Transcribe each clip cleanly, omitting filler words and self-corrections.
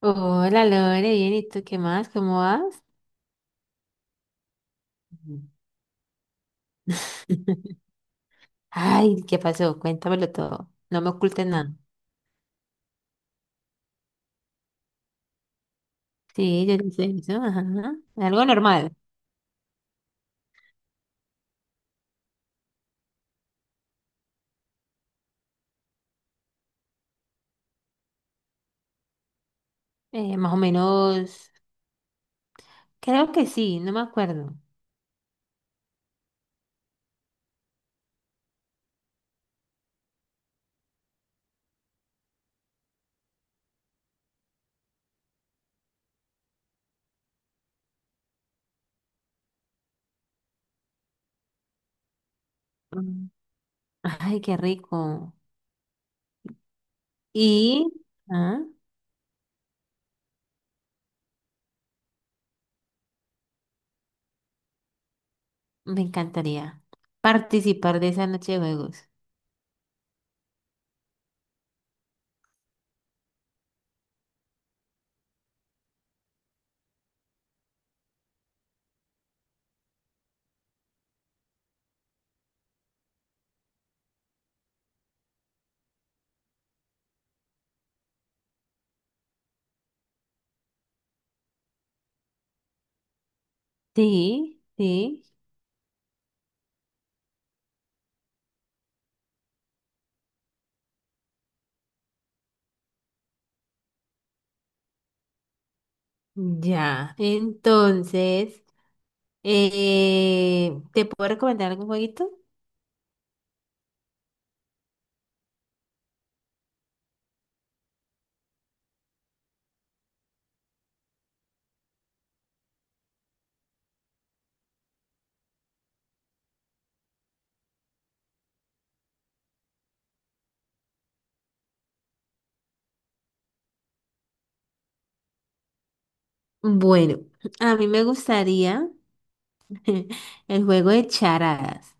Hola Lore, bien, ¿y tú qué más? ¿Cómo vas? Ujú. Ay, ¿qué pasó? Cuéntamelo todo. No me ocultes nada. Sí, yo no sé eso, ajá. Algo normal. Más o menos, creo que sí, no me acuerdo. Mm. Ay, qué rico. Y ah, me encantaría participar de esa noche de juegos. Sí, sí, ya. Entonces, ¿te puedo recomendar algún jueguito? Bueno, a mí me gustaría el juego de charadas.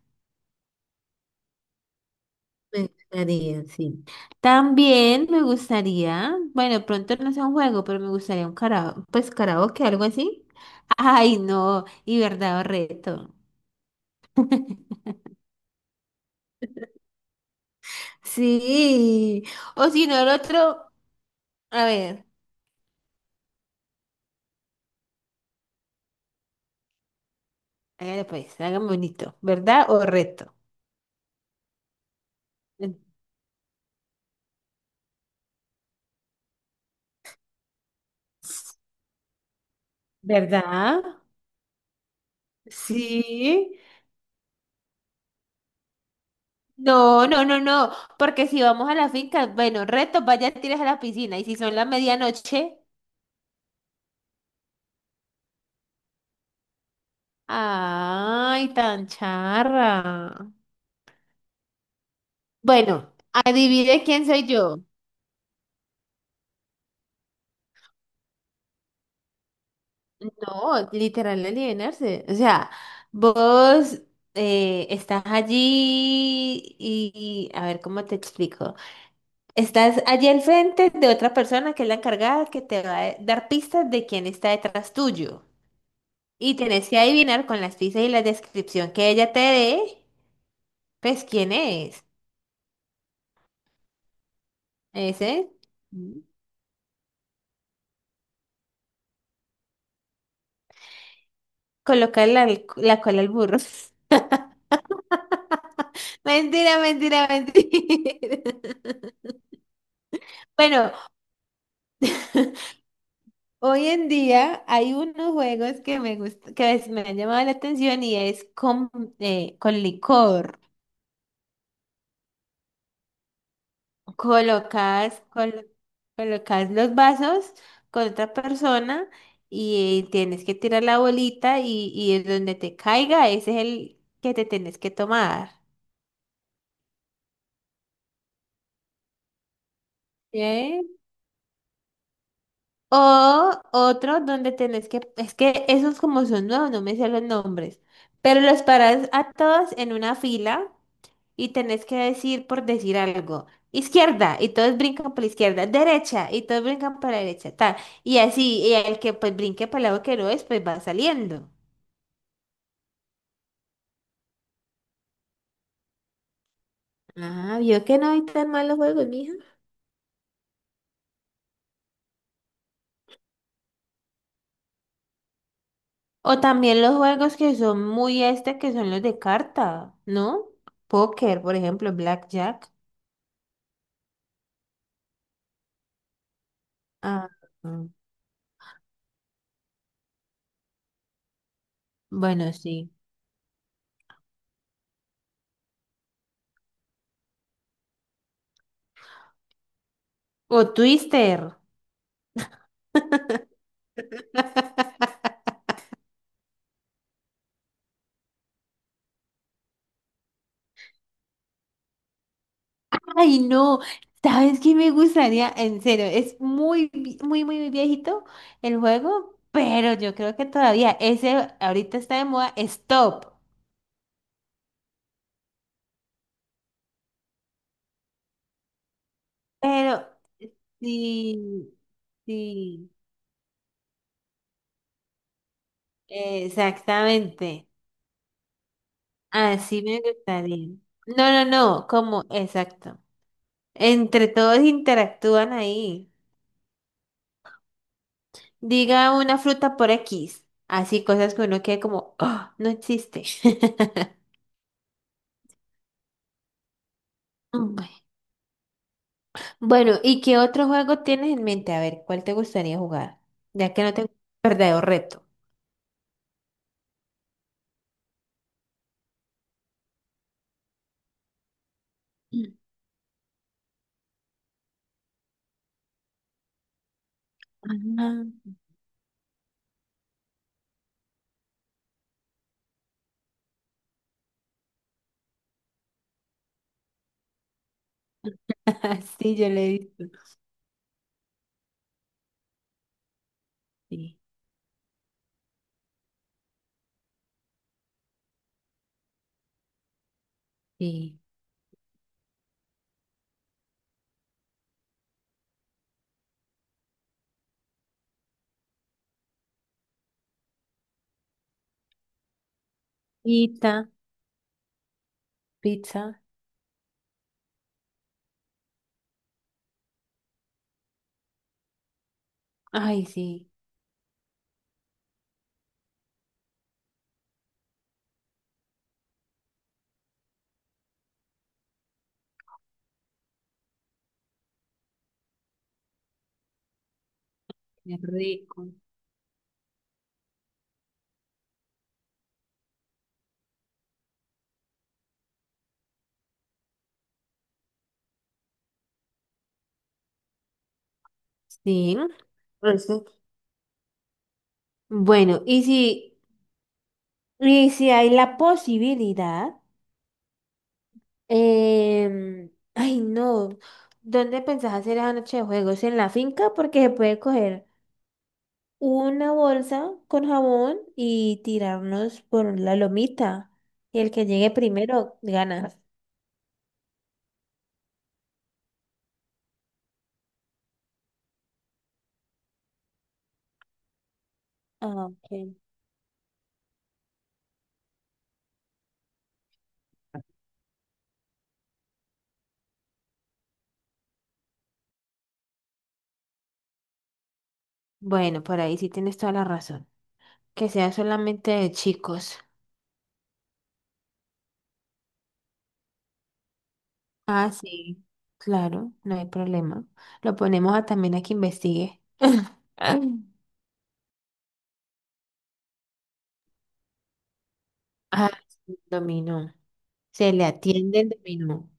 Me gustaría, sí. También me gustaría, bueno, pronto no sea un juego, pero me gustaría un karaoke, pues karaoke, algo así. Ay, no, y verdad o reto. Sí, o si no, el otro, a ver, hágale pues, hágame bonito, ¿verdad o reto? En- ¿Verdad? Sí. No, no, no, no, porque si vamos a la finca, bueno, reto, vaya, tires a la piscina, y si son la medianoche, ay, tan charra. Bueno, adivine quién soy yo. No, literal alienarse. O sea, vos estás allí a ver cómo te explico. Estás allí al frente de otra persona que es la encargada que te va a dar pistas de quién está detrás tuyo. Y tenés que adivinar con las pistas y la descripción que ella te dé, pues quién es. Ese. Mm. Colocar la cola al burro. Mentira, mentira, mentira. Bueno, hoy en día hay unos juegos que me gust- que es- me han llamado la atención y es con con licor. Colocas, colo- colocas los vasos con otra persona y tienes que tirar la bolita y es donde te caiga, ese es el que te tienes que tomar. ¿Qué? O otro donde es que esos como son nuevos, no me sé los nombres, pero los paras a todos en una fila y tenés que decir por decir algo. Izquierda, y todos brincan por la izquierda. Derecha, y todos brincan por la derecha. Tal. Y así, y el que pues brinque para el lado que no es, pues va saliendo. Ah, vio que no hay tan malos juegos, mija. O también los juegos que son muy este, que son los de carta, ¿no? Póker, por ejemplo, Blackjack. Ah, ah. Bueno, sí. O Twister. Ay, no, ¿sabes qué me gustaría? En serio, es muy, muy, muy, muy viejito el juego, pero yo creo que todavía ese ahorita está de moda, Stop. Pero sí, sí, exactamente. Así me gustaría. No, no, no, como, exacto. Entre todos interactúan ahí. Diga una fruta por X. Así cosas que uno quede como, "Ah, no existe." Mm. Bueno, ¿y qué otro juego tienes en mente? A ver, ¿cuál te gustaría jugar? Ya que no tengo verdadero reto. Ah, sí, yo le he visto. Sí, sí. Pizza, pizza. Ay, sí, qué rico. Sí, eso. Bueno, y si hay la posibilidad, em, ay, no, ¿dónde pensás hacer esa noche de juegos? ¿En la finca? Porque se puede coger una bolsa con jabón y tirarnos por la lomita. Y el que llegue primero gana. Ah, ok. Bueno, por ahí sí tienes toda la razón. Que sea solamente de chicos. Ah, sí. Claro, no hay problema. Lo ponemos a también a que investigue. Ah, sí, dominó. Se le atiende el dominó.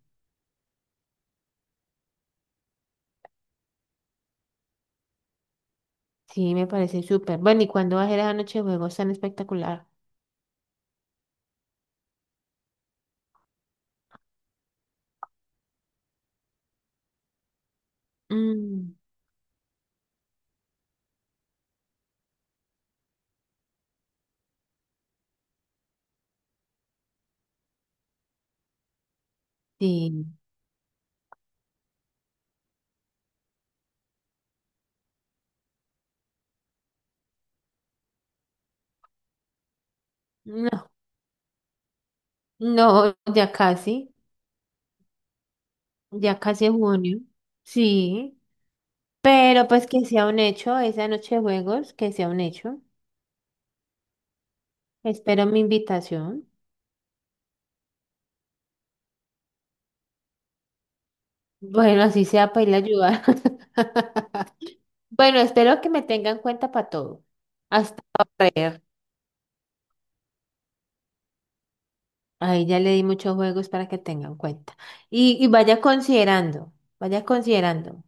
Sí, me parece súper. Bueno, ¿y cuándo va a ser la noche de juegos tan espectacular? Mm, sí. No, no, ya casi es junio. Sí, pero pues que sea un hecho, esa noche de juegos, que sea un hecho. Espero mi invitación. Bueno, así sea para ir a ayudar. Bueno, espero que me tengan en cuenta para todo. Hasta correr. Ahí ya le di muchos juegos para que tengan cuenta. Y, vaya vaya considerando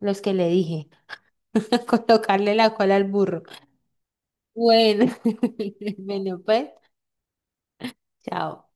los que le dije. Colocarle la cola al burro. Bueno, bueno, pues, chao.